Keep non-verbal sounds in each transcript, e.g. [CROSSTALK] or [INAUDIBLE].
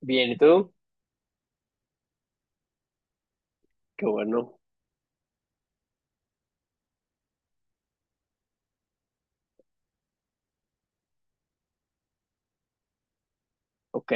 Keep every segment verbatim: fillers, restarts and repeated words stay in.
Bien, ¿y tú? Qué bueno. Ok,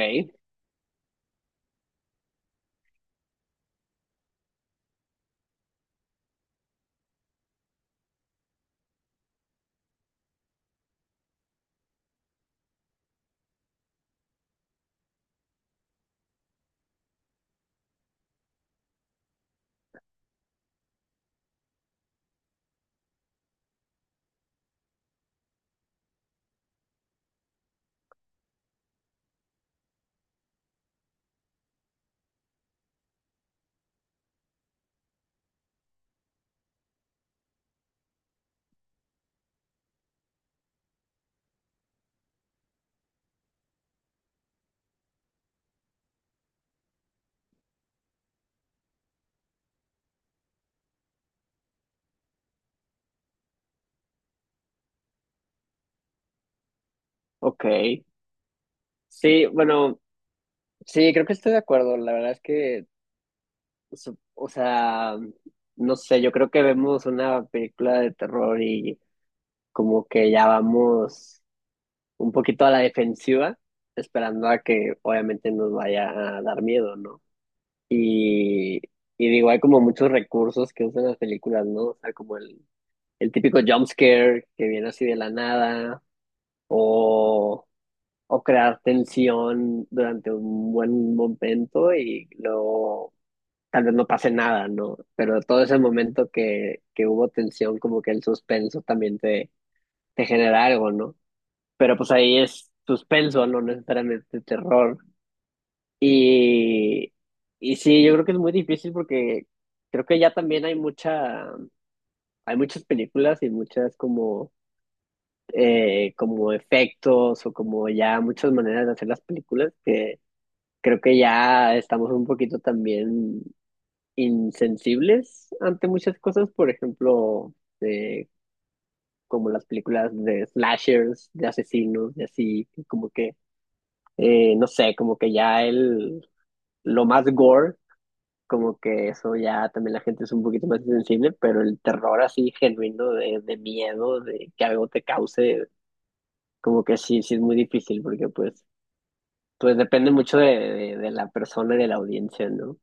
ok. Sí, bueno, sí, creo que estoy de acuerdo. La verdad es que, su- o sea, no sé, yo creo que vemos una película de terror y como que ya vamos un poquito a la defensiva, esperando a que obviamente nos vaya a dar miedo, ¿no? Y, y digo, hay como muchos recursos que usan las películas, ¿no? O sea, como el, el típico jump scare que viene así de la nada. O o crear tensión durante un buen momento y luego tal vez no pase nada, ¿no? Pero todo ese momento que, que hubo tensión, como que el suspenso también te, te genera algo, ¿no? Pero pues ahí es suspenso, no necesariamente terror. Y, y sí, yo creo que es muy difícil porque creo que ya también hay mucha, hay muchas películas y muchas como, eh, como efectos o como ya muchas maneras de hacer las películas que creo que ya estamos un poquito también insensibles ante muchas cosas. Por ejemplo, eh, como las películas de slashers, de asesinos, de así, que como que, eh, no sé, como que ya el, lo más gore, como que eso ya también la gente es un poquito más insensible, pero el terror así genuino de, de miedo, de que algo te cause, como que sí, sí es muy difícil, porque pues, pues depende mucho de, de de la persona y de la audiencia, ¿no?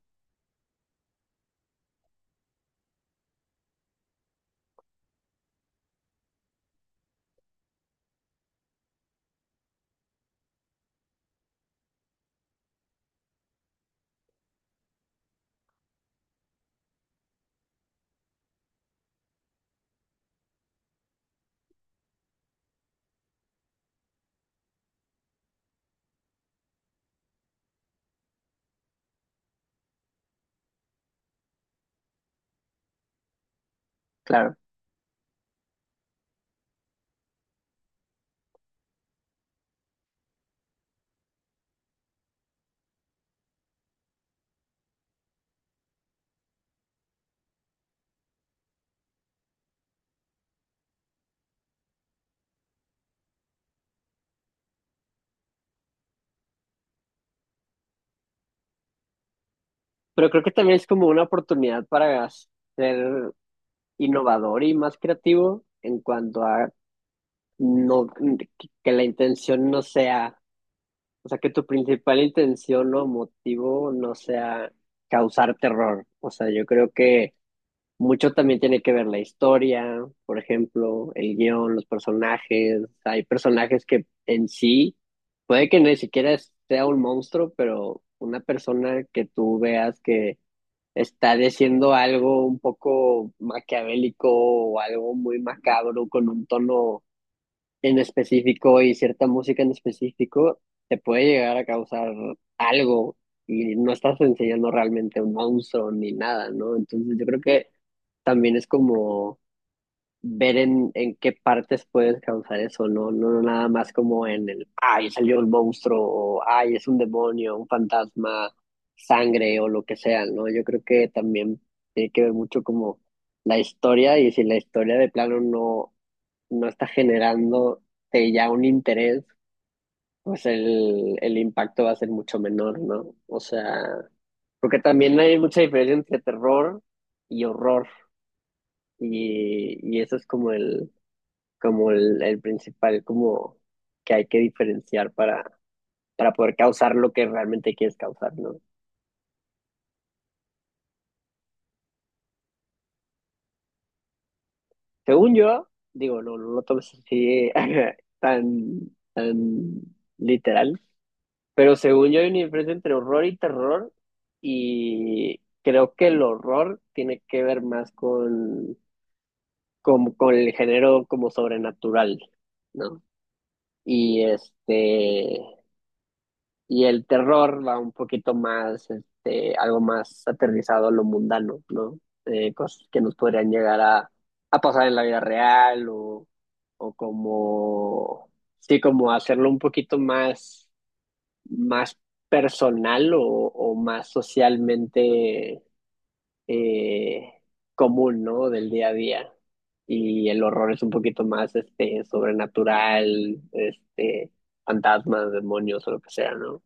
Claro. Pero creo que también es como una oportunidad para ser innovador y más creativo en cuanto a no que que la intención no sea, o sea, que tu principal intención o motivo no sea causar terror. O sea, yo creo que mucho también tiene que ver la historia, por ejemplo, el guión, los personajes. Hay personajes que en sí puede que ni siquiera sea un monstruo, pero una persona que tú veas que estar haciendo algo un poco maquiavélico o algo muy macabro con un tono en específico y cierta música en específico, te puede llegar a causar algo y no estás enseñando realmente un monstruo ni nada, ¿no? Entonces yo creo que también es como ver en, en qué partes puede descansar eso. No, no, no nada más como en el, ay, salió el monstruo, o ay, es un demonio, un fantasma, sangre o lo que sea, ¿no? Yo creo que también tiene que ver mucho como la historia, y si la historia de plano no, no está generando ya un interés, pues el, el impacto va a ser mucho menor, ¿no? O sea, porque también hay mucha diferencia entre terror y horror, y, y eso es como el como el, el principal como que hay que diferenciar para, para poder causar lo que realmente quieres causar, ¿no? Según yo, digo, no, no lo tomes así [LAUGHS] tan, tan literal, pero según yo hay una diferencia entre horror y terror y creo que el horror tiene que ver más con, con, con el género como sobrenatural, ¿no? Y este... y el terror va un poquito más, este, algo más aterrizado a lo mundano, ¿no? Eh, cosas que nos podrían llegar a, a pasar en la vida real o, o como, sí, como hacerlo un poquito más, más personal o, o más socialmente eh, común, ¿no? Del día a día. Y el horror es un poquito más, este, sobrenatural, este, fantasmas, demonios o lo que sea, ¿no?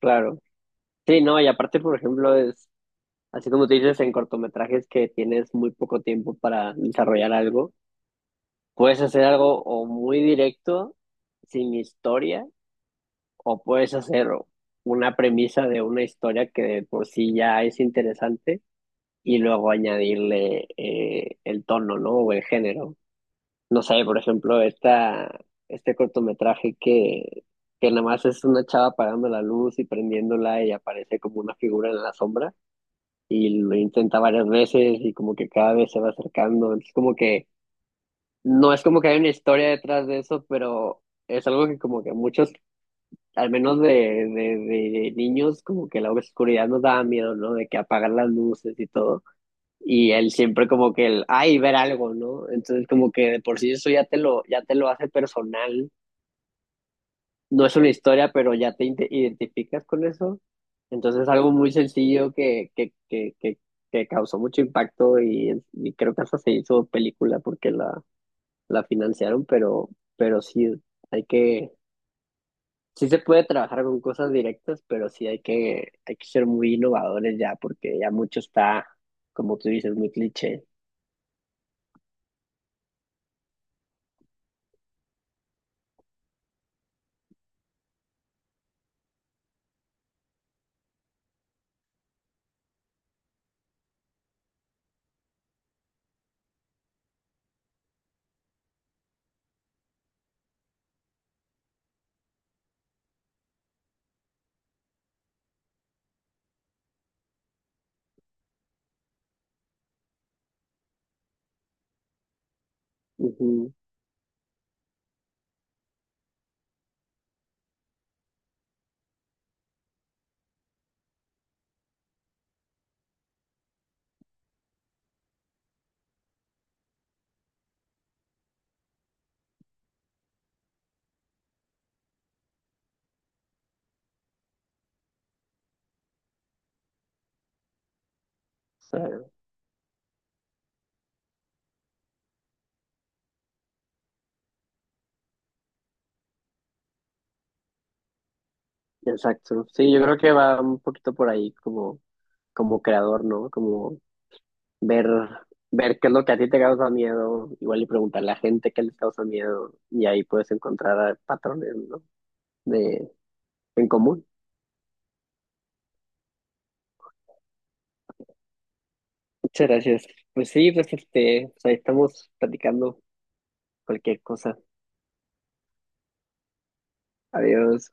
Claro. Sí, no, y aparte, por ejemplo, es así como tú dices, en cortometrajes que tienes muy poco tiempo para desarrollar algo, puedes hacer algo o muy directo, sin historia, o puedes hacer una premisa de una historia que de por sí ya es interesante y luego añadirle eh, el tono, ¿no? O el género. No sé, por ejemplo, esta, este cortometraje que, que nada más es una chava apagando la luz y prendiéndola y aparece como una figura en la sombra, y lo intenta varias veces y como que cada vez se va acercando. Entonces como que no es como que hay una historia detrás de eso, pero es algo que como que muchos, al menos de, de, de niños, como que la oscuridad nos daba miedo, ¿no? De que apagar las luces y todo. Y él siempre como que el, ay, ver algo, ¿no? Entonces como que de por sí eso ya te lo, ya te lo hace personal. No es una historia, pero ya te inte- identificas con eso. Entonces, algo muy sencillo que, que, que, que, que causó mucho impacto, y, y creo que hasta se hizo película porque la, la financiaron, pero, pero sí hay que, sí se puede trabajar con cosas directas, pero sí hay que, hay que ser muy innovadores ya, porque ya mucho está, como tú dices, muy cliché. Ujú. O sea, exacto. Sí, yo creo que va un poquito por ahí como como creador, ¿no? Como ver, ver qué es lo que a ti te causa miedo, igual y preguntarle a la gente qué les causa miedo, y ahí puedes encontrar patrones, ¿no? De, en común. Muchas gracias. Pues sí, pues este, pues ahí estamos platicando cualquier cosa. Adiós.